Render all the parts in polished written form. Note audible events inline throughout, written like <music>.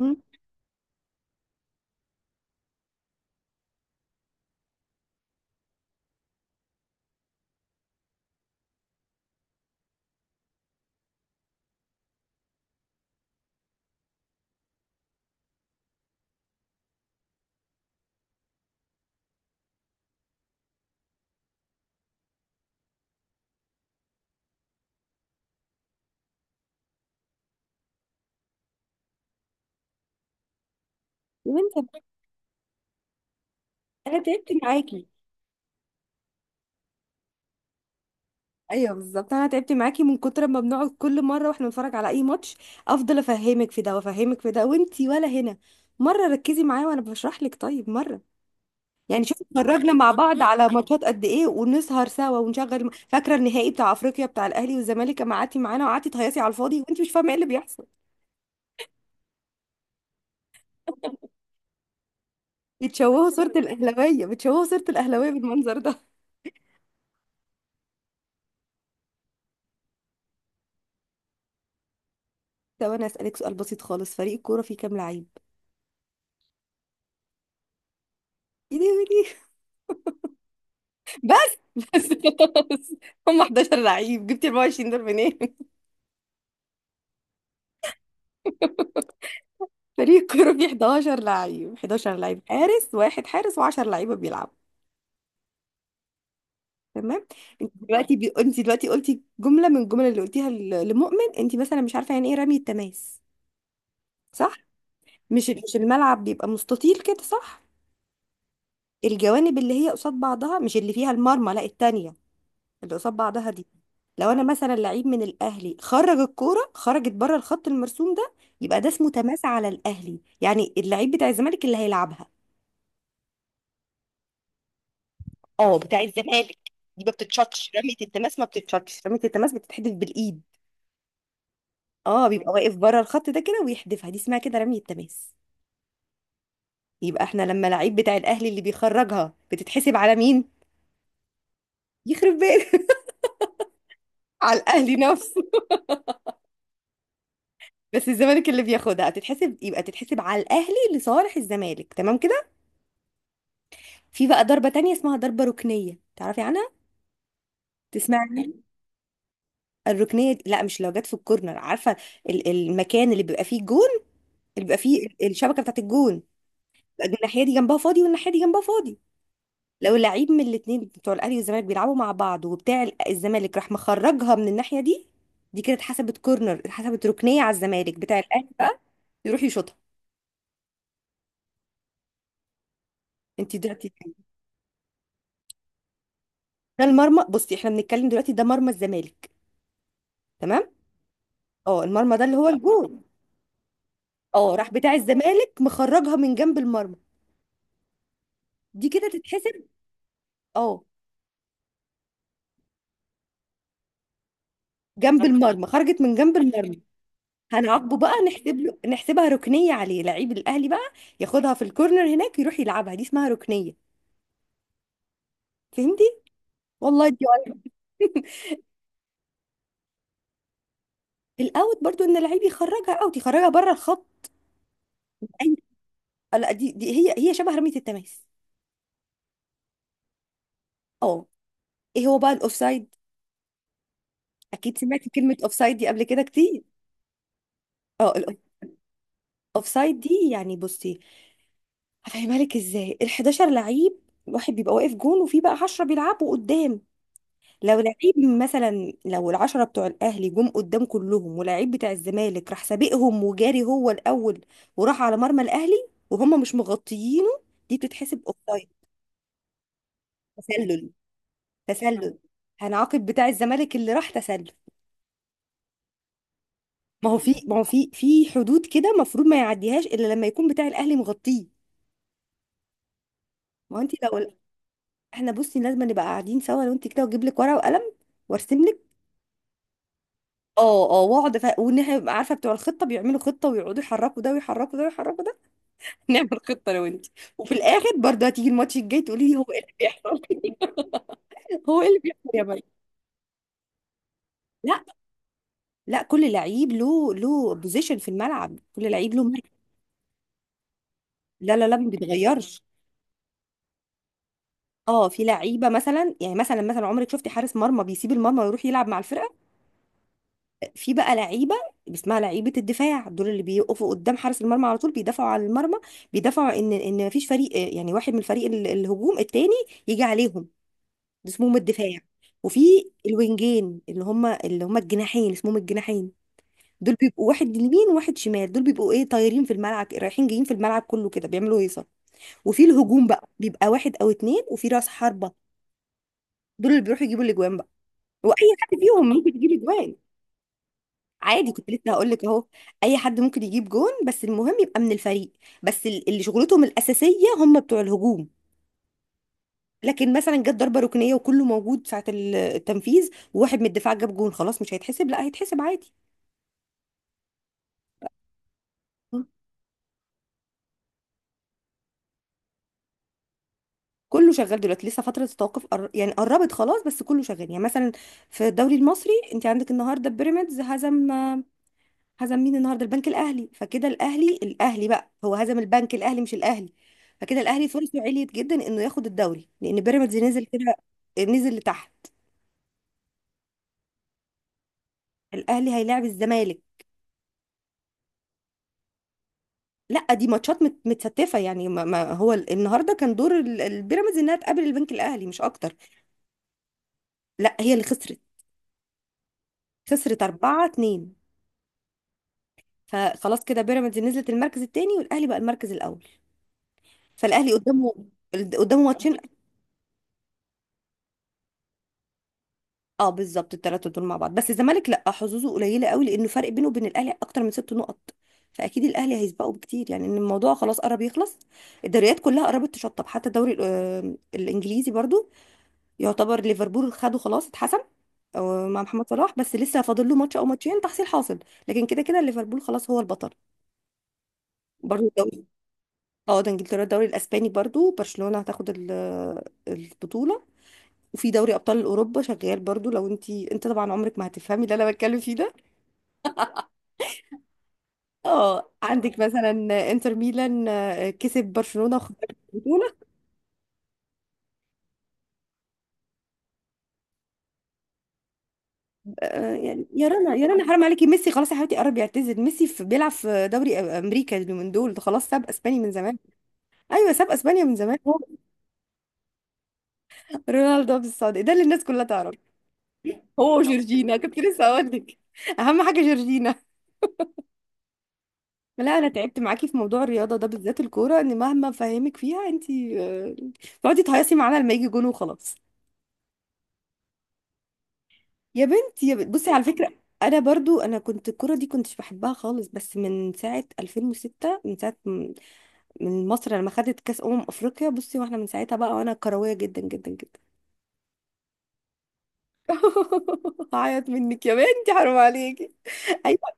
مم. يا بنتي، انا تعبت معاكي. ايوه، بالظبط انا تعبت معاكي من كتر ما بنقعد كل مره واحنا بنتفرج على اي ماتش، افضل افهمك في ده وافهمك في ده وانتي ولا هنا. مره ركزي معايا وانا بشرح لك طيب. مره يعني شوفي، اتفرجنا مع بعض على ماتشات قد ايه ونسهر سوا ونشغل. فاكره النهائي بتاع افريقيا بتاع الاهلي والزمالك، اما قعدتي معانا وقعدتي تهيصي على الفاضي وانتي مش فاهمه ايه اللي بيحصل. بتشوهوا صوره الاهلاويه بالمنظر ده. طب انا اسالك سؤال بسيط خالص، فريق الكوره فيه كام لعيب؟ ايه ده؟ إيه ده؟ <laughs> بس خلاص. هم 11 لعيب، جبت 24 دول منين؟ <laughs> فريق كوره فيه 11 لعيب، 11 لعيب: حارس واحد، حارس و10 لعيبه بيلعبوا. تمام. انت دلوقتي قلتي جمله من الجمل اللي قلتيها لمؤمن، انت مثلا مش عارفه يعني ايه رمي التماس، صح؟ مش الملعب بيبقى مستطيل كده، صح؟ الجوانب اللي هي قصاد بعضها، مش اللي فيها المرمى، لا التانية، اللي قصاد بعضها دي. لو انا مثلا لعيب من الاهلي خرج الكوره، خرجت بره الخط المرسوم ده، يبقى ده اسمه تماس على الاهلي. يعني اللعيب بتاع الزمالك اللي هيلعبها. اه، بتاع الزمالك. دي ما بتتشطش رمية التماس، ما بتتشطش رمية التماس، بتتحدف بالايد. اه، بيبقى واقف بره الخط ده كده ويحدفها، دي اسمها كده رمية تماس. يبقى احنا لما لعيب بتاع الاهلي اللي بيخرجها، بتتحسب على مين؟ يخرب بيت. <laughs> على الاهلي نفسه. بس الزمالك اللي بياخدها، تتحسب يبقى تتحسب على الاهلي لصالح الزمالك. تمام كده. في بقى ضربة تانية اسمها ضربة ركنية، تعرفي عنها؟ تسمعي عنها؟ لا، مش لو جت في الكورنر، عارفة. المكان اللي بيبقى فيه الجون، اللي بيبقى فيه الشبكة بتاعت الجون، يبقى الناحية دي جنبها فاضي والناحية دي جنبها فاضي. لو لعيب من الاتنين بتوع الأهلي والزمالك بيلعبوا مع بعض، وبتاع الزمالك راح مخرجها من الناحية دي، دي كده اتحسبت كورنر، اتحسبت ركنية على الزمالك، بتاع الأهلي بقى يروح يشوطها. انت دلوقتي ده المرمى، بصي احنا بنتكلم دلوقتي، ده مرمى الزمالك، تمام. اه، المرمى ده اللي هو الجون. اه، راح بتاع الزمالك مخرجها من جنب المرمى، دي كده تتحسب. اه، جنب المرمى، خرجت من جنب المرمى. هنعاقبه بقى، نحسب له، نحسبها ركنيه عليه، لعيب الاهلي بقى ياخدها في الكورنر هناك، يروح يلعبها. دي اسمها ركنيه. فهمتي؟ والله دي. <laughs> الاوت برضو ان اللعيب يخرجها اوت، يخرجها بره الخط. اي. لا، دي هي شبه رميه التماس. اه. ايه هو بقى الاوفسايد؟ اكيد سمعتي كلمه اوفسايد دي قبل كده كتير. اه. الاوفسايد دي يعني، بصي هفهمها لك ازاي. ال11 لعيب، واحد بيبقى واقف جون وفي بقى 10 بيلعبوا قدام. لو لعيب مثلا، لو ال10 بتوع الاهلي جم قدام كلهم ولعيب بتاع الزمالك راح سابقهم وجاري هو الاول، وراح على مرمى الاهلي وهم مش مغطيينه، دي بتتحسب اوفسايد. تسلل، تسلل. هنعاقب بتاع الزمالك اللي راح تسلل. ما هو في، ما هو في حدود كده المفروض ما يعديهاش الا لما يكون بتاع الاهلي مغطيه. ما هو انت لو احنا بصي لازم نبقى قاعدين سوا، لو انت كده واجيب لك ورقه وقلم وارسم. اه اه. وان احنا نبقى عارفه بتوع الخطه بيعملوا خطه ويقعدوا يحركوا ده ويحركوا ده ويحركوا ده. <laughs> نعمل خطه لو انت. وفي الاخر برضه هتيجي الماتش الجاي تقولي لي هو ايه اللي بيحصل. <laughs> هو ايه اللي بيحصل يا مريم؟ لا، كل لعيب له بوزيشن في الملعب، كل لعيب له مركز. لا ما بيتغيرش. اه، في لعيبه مثلا، يعني مثلا عمرك شفتي حارس مرمى بيسيب المرمى ويروح يلعب مع الفرقه؟ في بقى لعيبه، اسمها لعيبه الدفاع، دول اللي بيقفوا قدام حارس المرمى على طول، بيدافعوا على المرمى، بيدافعوا ان مفيش فريق، يعني واحد من فريق الهجوم التاني يجي عليهم، ده اسمهم الدفاع. وفي الوينجين، اللي هم الجناحين، اسمهم الجناحين، دول بيبقوا واحد يمين وواحد شمال، دول بيبقوا ايه، طايرين في الملعب، رايحين جايين في الملعب كله كده، بيعملوا هيصه. وفي الهجوم بقى بيبقى واحد او اتنين وفي راس حربه، دول اللي بيروحوا يجيبوا الاجوان بقى. واي حد فيهم ممكن يجيب اجوان عادي، كنت لسه هقول لك اهو. اي حد ممكن يجيب جون، بس المهم يبقى من الفريق. بس اللي شغلتهم الاساسيه هم بتوع الهجوم. لكن مثلا جت ضربه ركنيه وكله موجود ساعه التنفيذ، وواحد من الدفاع جاب جون، خلاص مش هيتحسب؟ لا، هيتحسب عادي. م. كله شغال دلوقتي، لسه فتره التوقف يعني قربت خلاص، بس كله شغال. يعني مثلا في الدوري المصري، انت عندك النهارده بيراميدز هزم، هزم مين النهارده؟ البنك الاهلي. فكده الاهلي، بقى هو هزم البنك الاهلي، مش الاهلي. فكده الاهلي فرصه عليت جدا انه ياخد الدوري، لان بيراميدز نزل كده، نزل لتحت. الاهلي هيلاعب الزمالك. لا، دي ماتشات متستفه يعني. ما هو النهارده كان دور البيراميدز انها تقابل البنك الاهلي، مش اكتر. لا، هي اللي خسرت، خسرت 4-2. فخلاص كده بيراميدز نزلت المركز الثاني والاهلي بقى المركز الاول. فالاهلي قدامه، قدامه ماتشين. اه، بالظبط الثلاثه دول مع بعض، بس الزمالك لا، حظوظه قليله قوي، لانه فرق بينه وبين الاهلي اكتر من 6 نقط. فاكيد الاهلي هيسبقه بكتير، يعني ان الموضوع خلاص قرب يخلص. الدوريات كلها قربت تشطب، حتى الدوري الانجليزي برضو، يعتبر ليفربول خده خلاص، اتحسم مع محمد صلاح، بس لسه فاضل له ماتش او ماتشين تحصيل حاصل. لكن كده كده ليفربول خلاص هو البطل. برضو الدوري، اه، ده انجلترا. الدوري الاسباني برضو برشلونه هتاخد البطوله. وفي دوري ابطال اوروبا شغال برضو، لو انت، انت طبعا عمرك ما هتفهمي اللي انا بتكلم فيه ده. اه، عندك مثلا انتر ميلان كسب برشلونة وخد البطولة. يعني يا رنا، حرام عليكي، ميسي خلاص يا حبيبتي قرب يعتزل. ميسي في بيلعب في دوري امريكا اليومين دول، ده خلاص ساب اسبانيا من زمان. ايوه ساب اسبانيا من زمان هو. رونالدو في السعودية ده اللي الناس كلها تعرف. هو جورجينا كنت لسه اقول لك، اهم حاجة جورجينا. لا، انا تعبت معاكي في موضوع الرياضة ده بالذات الكورة، ان مهما فهمك فيها انت بتقعدي تهيصي معانا لما يجي جون وخلاص. يا بنت بصي، على فكرة انا برضو كنت الكرة دي كنتش بحبها خالص، بس من ساعة 2006، من ساعة من مصر لما خدت كاس افريقيا بصي، واحنا من ساعتها بقى وانا كروية جدا جدا جدا. <laughs> هعيط منك يا بنتي، حرام عليكي. ايوه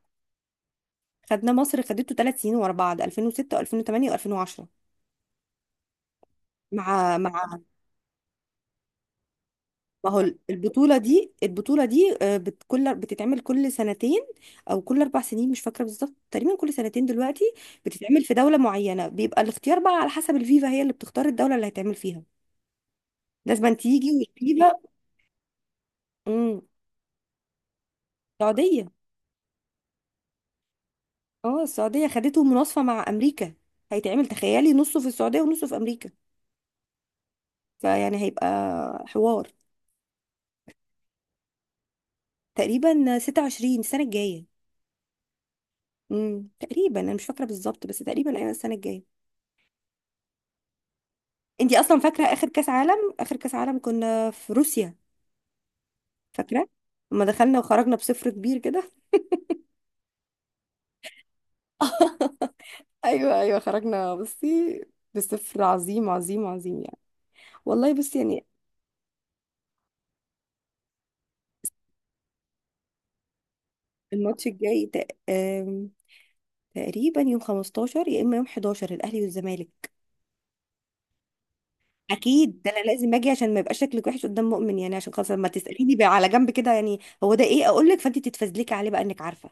خدنا، مصر خدته 3 سنين ورا بعض، 2006 و2008 و2010. مع ما هو البطولة دي، البطولة دي آه، بت- كل بتتعمل كل سنتين أو كل 4 سنين، مش فاكرة بالظبط، تقريبا كل سنتين دلوقتي. بتتعمل في دولة معينة، بيبقى الاختيار بقى على حسب الفيفا، هي اللي بتختار الدولة اللي هيتعمل فيها، لازم تيجي والفيفا. امم. السعودية. اه، السعودية خدته مناصفة مع أمريكا. هيتعمل، تخيلي، نصه في السعودية ونصه في أمريكا. فيعني هيبقى حوار. تقريبا 26 السنة الجاية. امم، تقريبا أنا مش فاكرة بالظبط، بس تقريبا أيوة السنة الجاية. انتي اصلا فاكره اخر كاس عالم؟ اخر كاس عالم كنا في روسيا. فاكره لما دخلنا وخرجنا بصفر كبير كده. <laughs> ايوه ايوه خرجنا بصي، بصفر عظيم عظيم عظيم يعني، والله بصي يعني. الماتش الجاي تق... آم، تقريبا يوم 15 يا اما يوم 11، الاهلي والزمالك. اكيد، ده انا لازم اجي عشان ما يبقاش شكلك وحش قدام مؤمن، يعني عشان خلاص لما تساليني بقى على جنب كده، يعني هو ده ايه، اقول لك فانت تتفزلكي عليه بقى انك عارفه.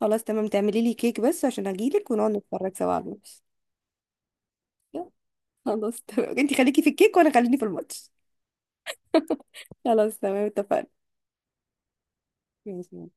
خلاص تمام، تعملي لي كيك بس عشان اجي لك ونقعد نتفرج سوا على الماتش. خلاص تمام، انتي خليكي في الكيك وانا خليني في الماتش. خلاص تمام اتفقنا. ماشي.